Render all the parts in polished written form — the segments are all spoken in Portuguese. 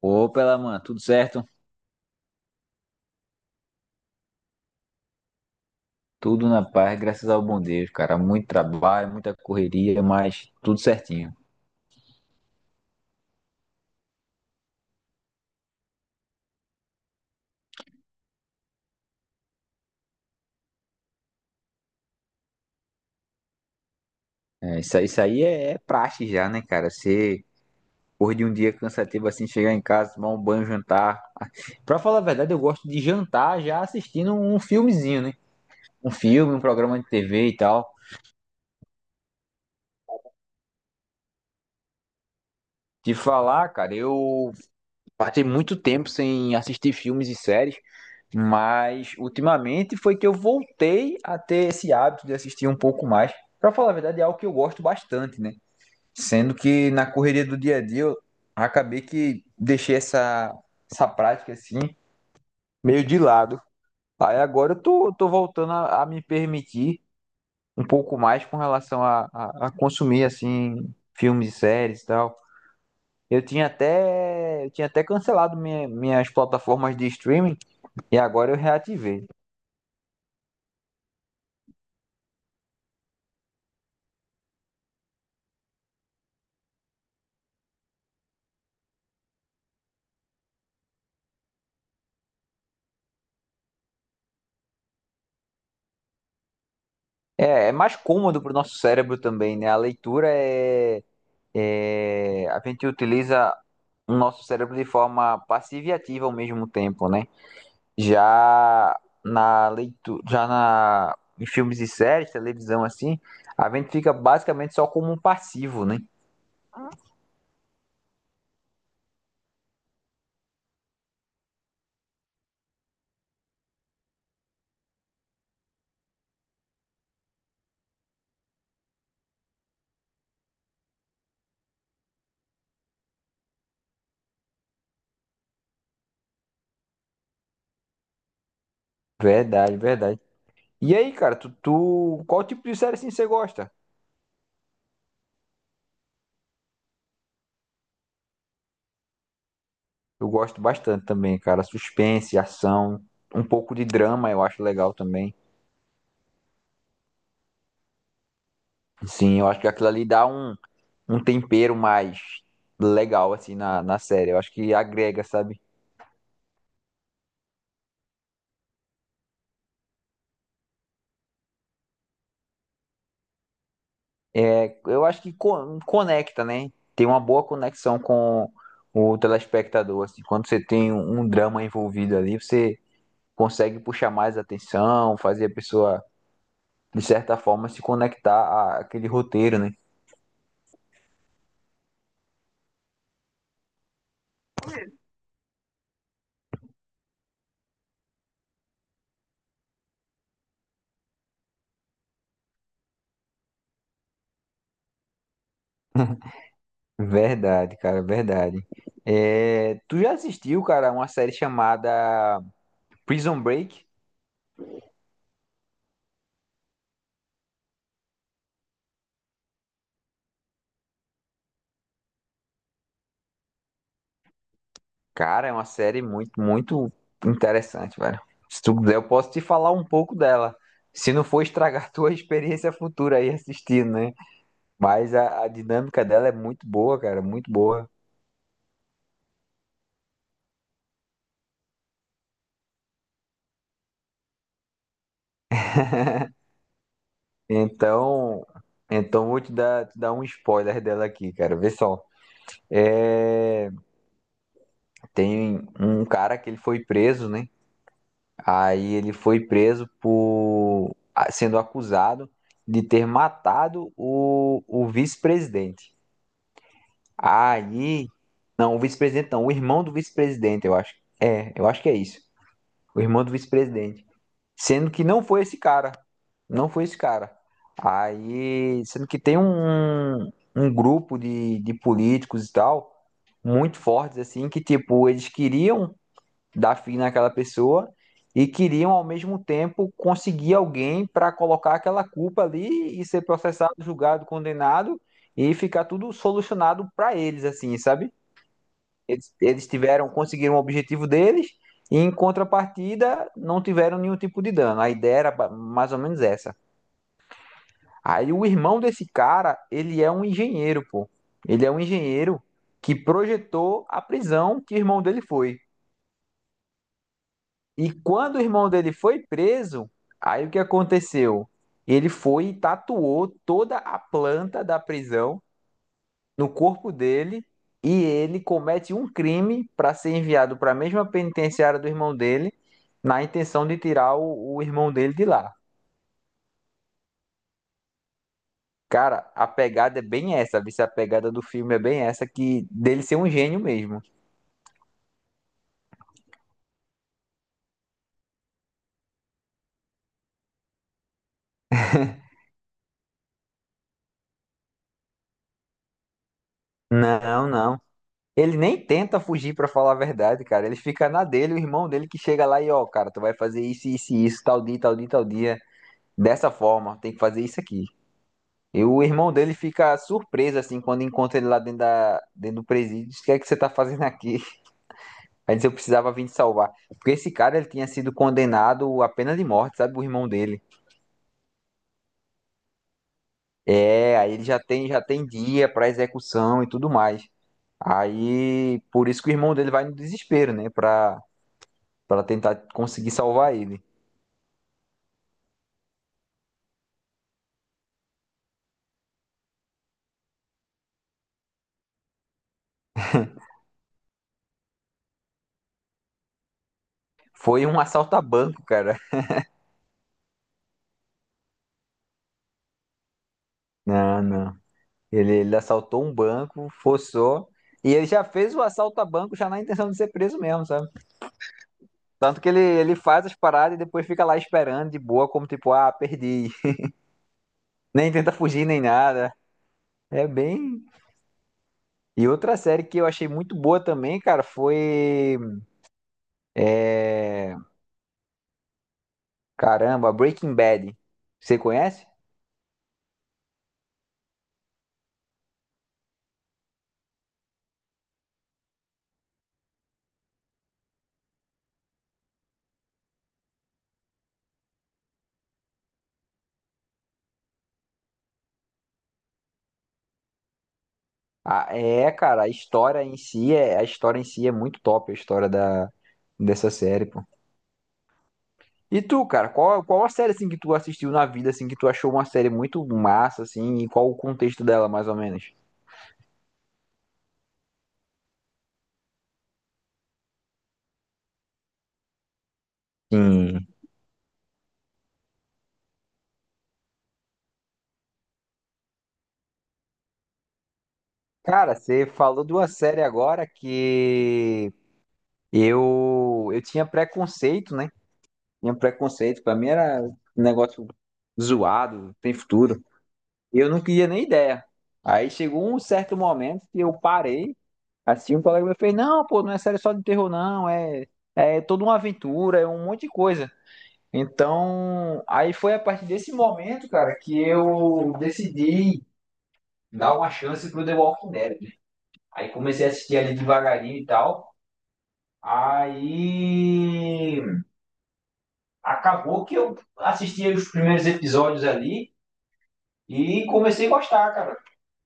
Opa, ela, mano, tudo certo? Tudo na paz, graças ao bom Deus, cara. Muito trabalho, muita correria, mas tudo certinho. Isso aí é praxe já, né, cara? Você, por de um dia cansativo assim, chegar em casa, tomar um banho, jantar. Pra falar a verdade, eu gosto de jantar já assistindo um filmezinho, né? Um filme, um programa de TV e tal. De falar, cara, eu passei muito tempo sem assistir filmes e séries. Mas ultimamente foi que eu voltei a ter esse hábito de assistir um pouco mais. Pra falar a verdade, é algo que eu gosto bastante, né? Sendo que na correria do dia a dia eu acabei que deixei essa prática assim meio de lado. Aí agora eu tô voltando a me permitir um pouco mais com relação a consumir assim filmes e séries e tal. Eu tinha até cancelado minhas plataformas de streaming e agora eu reativei. É, é mais cômodo para o nosso cérebro também, né? A leitura é, a gente utiliza o nosso cérebro de forma passiva e ativa ao mesmo tempo, né? Já na leitura, já em filmes e séries, televisão assim, a gente fica basicamente só como um passivo, né? Verdade, verdade. E aí, cara, qual tipo de série assim você gosta? Eu gosto bastante também, cara. Suspense, ação, um pouco de drama eu acho legal também. Sim, eu acho que aquilo ali dá um tempero mais legal, assim, na série. Eu acho que agrega, sabe? É, eu acho que conecta, né? Tem uma boa conexão com o telespectador, assim. Quando você tem um drama envolvido ali, você consegue puxar mais atenção, fazer a pessoa, de certa forma, se conectar àquele roteiro, né? Verdade, cara, verdade. É, tu já assistiu, cara, uma série chamada Prison Break? Cara, é uma série muito, muito interessante, velho. Se tu quiser, eu posso te falar um pouco dela. Se não for estragar tua experiência futura aí assistindo, né? Mas a dinâmica dela é muito boa, cara, muito boa. Então, então vou te dar um spoiler dela aqui, cara. Vê só. É, tem um cara que ele foi preso, né? Aí ele foi preso por sendo acusado de ter matado o vice-presidente. Aí, não, o vice-presidente não, o irmão do vice-presidente, eu acho. É, eu acho que é isso. O irmão do vice-presidente. Sendo que não foi esse cara. Não foi esse cara. Aí, sendo que tem um grupo de políticos e tal, muito fortes, assim, que, tipo, eles queriam dar fim naquela pessoa e queriam, ao mesmo tempo, conseguir alguém para colocar aquela culpa ali e ser processado, julgado, condenado e ficar tudo solucionado para eles, assim, sabe? Eles tiveram, conseguiram o objetivo deles e em contrapartida não tiveram nenhum tipo de dano. A ideia era mais ou menos essa. Aí o irmão desse cara, ele é um engenheiro, pô. Ele é um engenheiro que projetou a prisão que o irmão dele foi. E quando o irmão dele foi preso, aí o que aconteceu? Ele foi e tatuou toda a planta da prisão no corpo dele e ele comete um crime para ser enviado para a mesma penitenciária do irmão dele, na intenção de tirar o irmão dele de lá. Cara, a pegada é bem essa, viu? A pegada do filme é bem essa, que dele ser um gênio mesmo. Não, não. Ele nem tenta fugir pra falar a verdade, cara. Ele fica na dele, o irmão dele que chega lá e, ó, cara, tu vai fazer isso, isso e isso, tal dia, tal dia, tal dia, dessa forma, tem que fazer isso aqui. E o irmão dele fica surpreso, assim, quando encontra ele lá dentro, dentro do presídio. Diz, o que é que você tá fazendo aqui? Aí diz, eu precisava vir te salvar. Porque esse cara, ele tinha sido condenado à pena de morte, sabe? O irmão dele. É, aí ele já tem dia pra execução e tudo mais. Aí, por isso que o irmão dele vai no desespero, né? Pra tentar conseguir salvar ele. Foi um assalto a banco, cara. Não, não. Ele assaltou um banco, forçou. E ele já fez o assalto a banco já na intenção de ser preso mesmo, sabe? Tanto que ele faz as paradas e depois fica lá esperando de boa, como tipo, ah, perdi. Nem tenta fugir nem nada. É bem. E outra série que eu achei muito boa também, cara, foi. é, Caramba, Breaking Bad. Você conhece? Ah, é, cara, a história em si é. A história em si é muito top, a história da... dessa série, pô. E tu, cara, qual a série assim que tu assistiu na vida, assim, que tu achou uma série muito massa, assim, e qual o contexto dela, mais ou menos? Sim. Cara, você falou de uma série agora que eu tinha preconceito, né? Tinha preconceito, pra mim era um negócio zoado, tem futuro. Eu não queria nem ideia. Aí chegou um certo momento que eu parei, assim, um colega meu fez, não, pô, não é série só de terror, não, é, é toda uma aventura, é um monte de coisa. Então, aí foi a partir desse momento, cara, que eu decidi dar uma chance pro The Walking Dead. Aí comecei a assistir ali devagarinho e tal. Aí acabou que eu assisti os primeiros episódios ali e comecei a gostar, cara.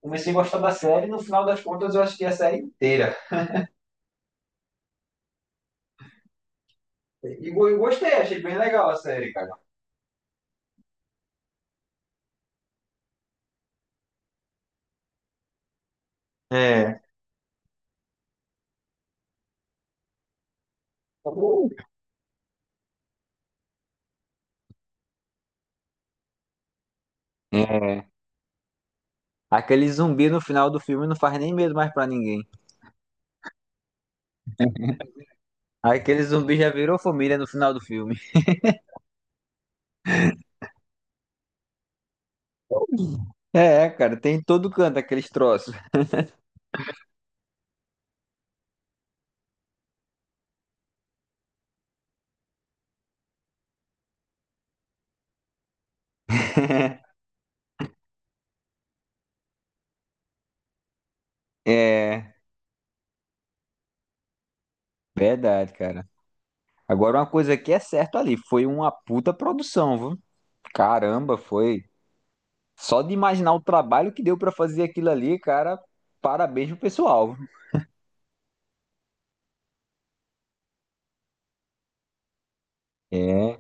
Comecei a gostar da série, no final das contas eu assisti a série inteira. E eu gostei, achei bem legal a série, cara. É. Tá bom. É. Aquele zumbi no final do filme não faz nem medo mais pra ninguém. Aquele zumbi já virou família no final do filme. É, cara, tem em todo canto aqueles troços. É, verdade, cara. Agora uma coisa que é certa ali, foi uma puta produção, viu? Caramba, foi. Só de imaginar o trabalho que deu pra fazer aquilo ali, cara, parabéns pro pessoal. É,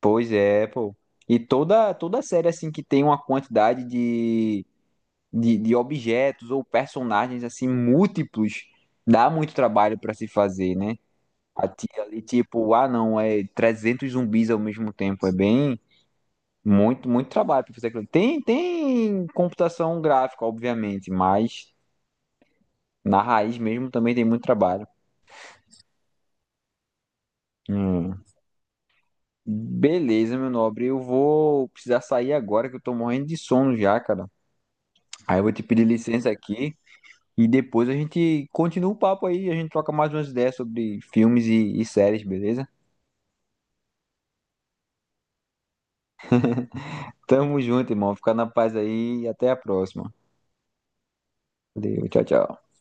pois é, pô. E toda série assim que tem uma quantidade de objetos ou personagens assim múltiplos, dá muito trabalho pra se fazer, né? A tia ali tipo, ah não, é 300 zumbis ao mesmo tempo, é bem muito trabalho pra fazer aquilo. Tem computação gráfica, obviamente, mas na raiz mesmo também tem muito trabalho. Hum. Beleza, meu nobre. Eu vou precisar sair agora que eu tô morrendo de sono já, cara. Aí eu vou te pedir licença aqui e depois a gente continua o papo aí. A gente troca mais umas ideias sobre filmes e séries, beleza? Tamo junto, irmão. Fica na paz aí e até a próxima. Valeu, tchau, tchau.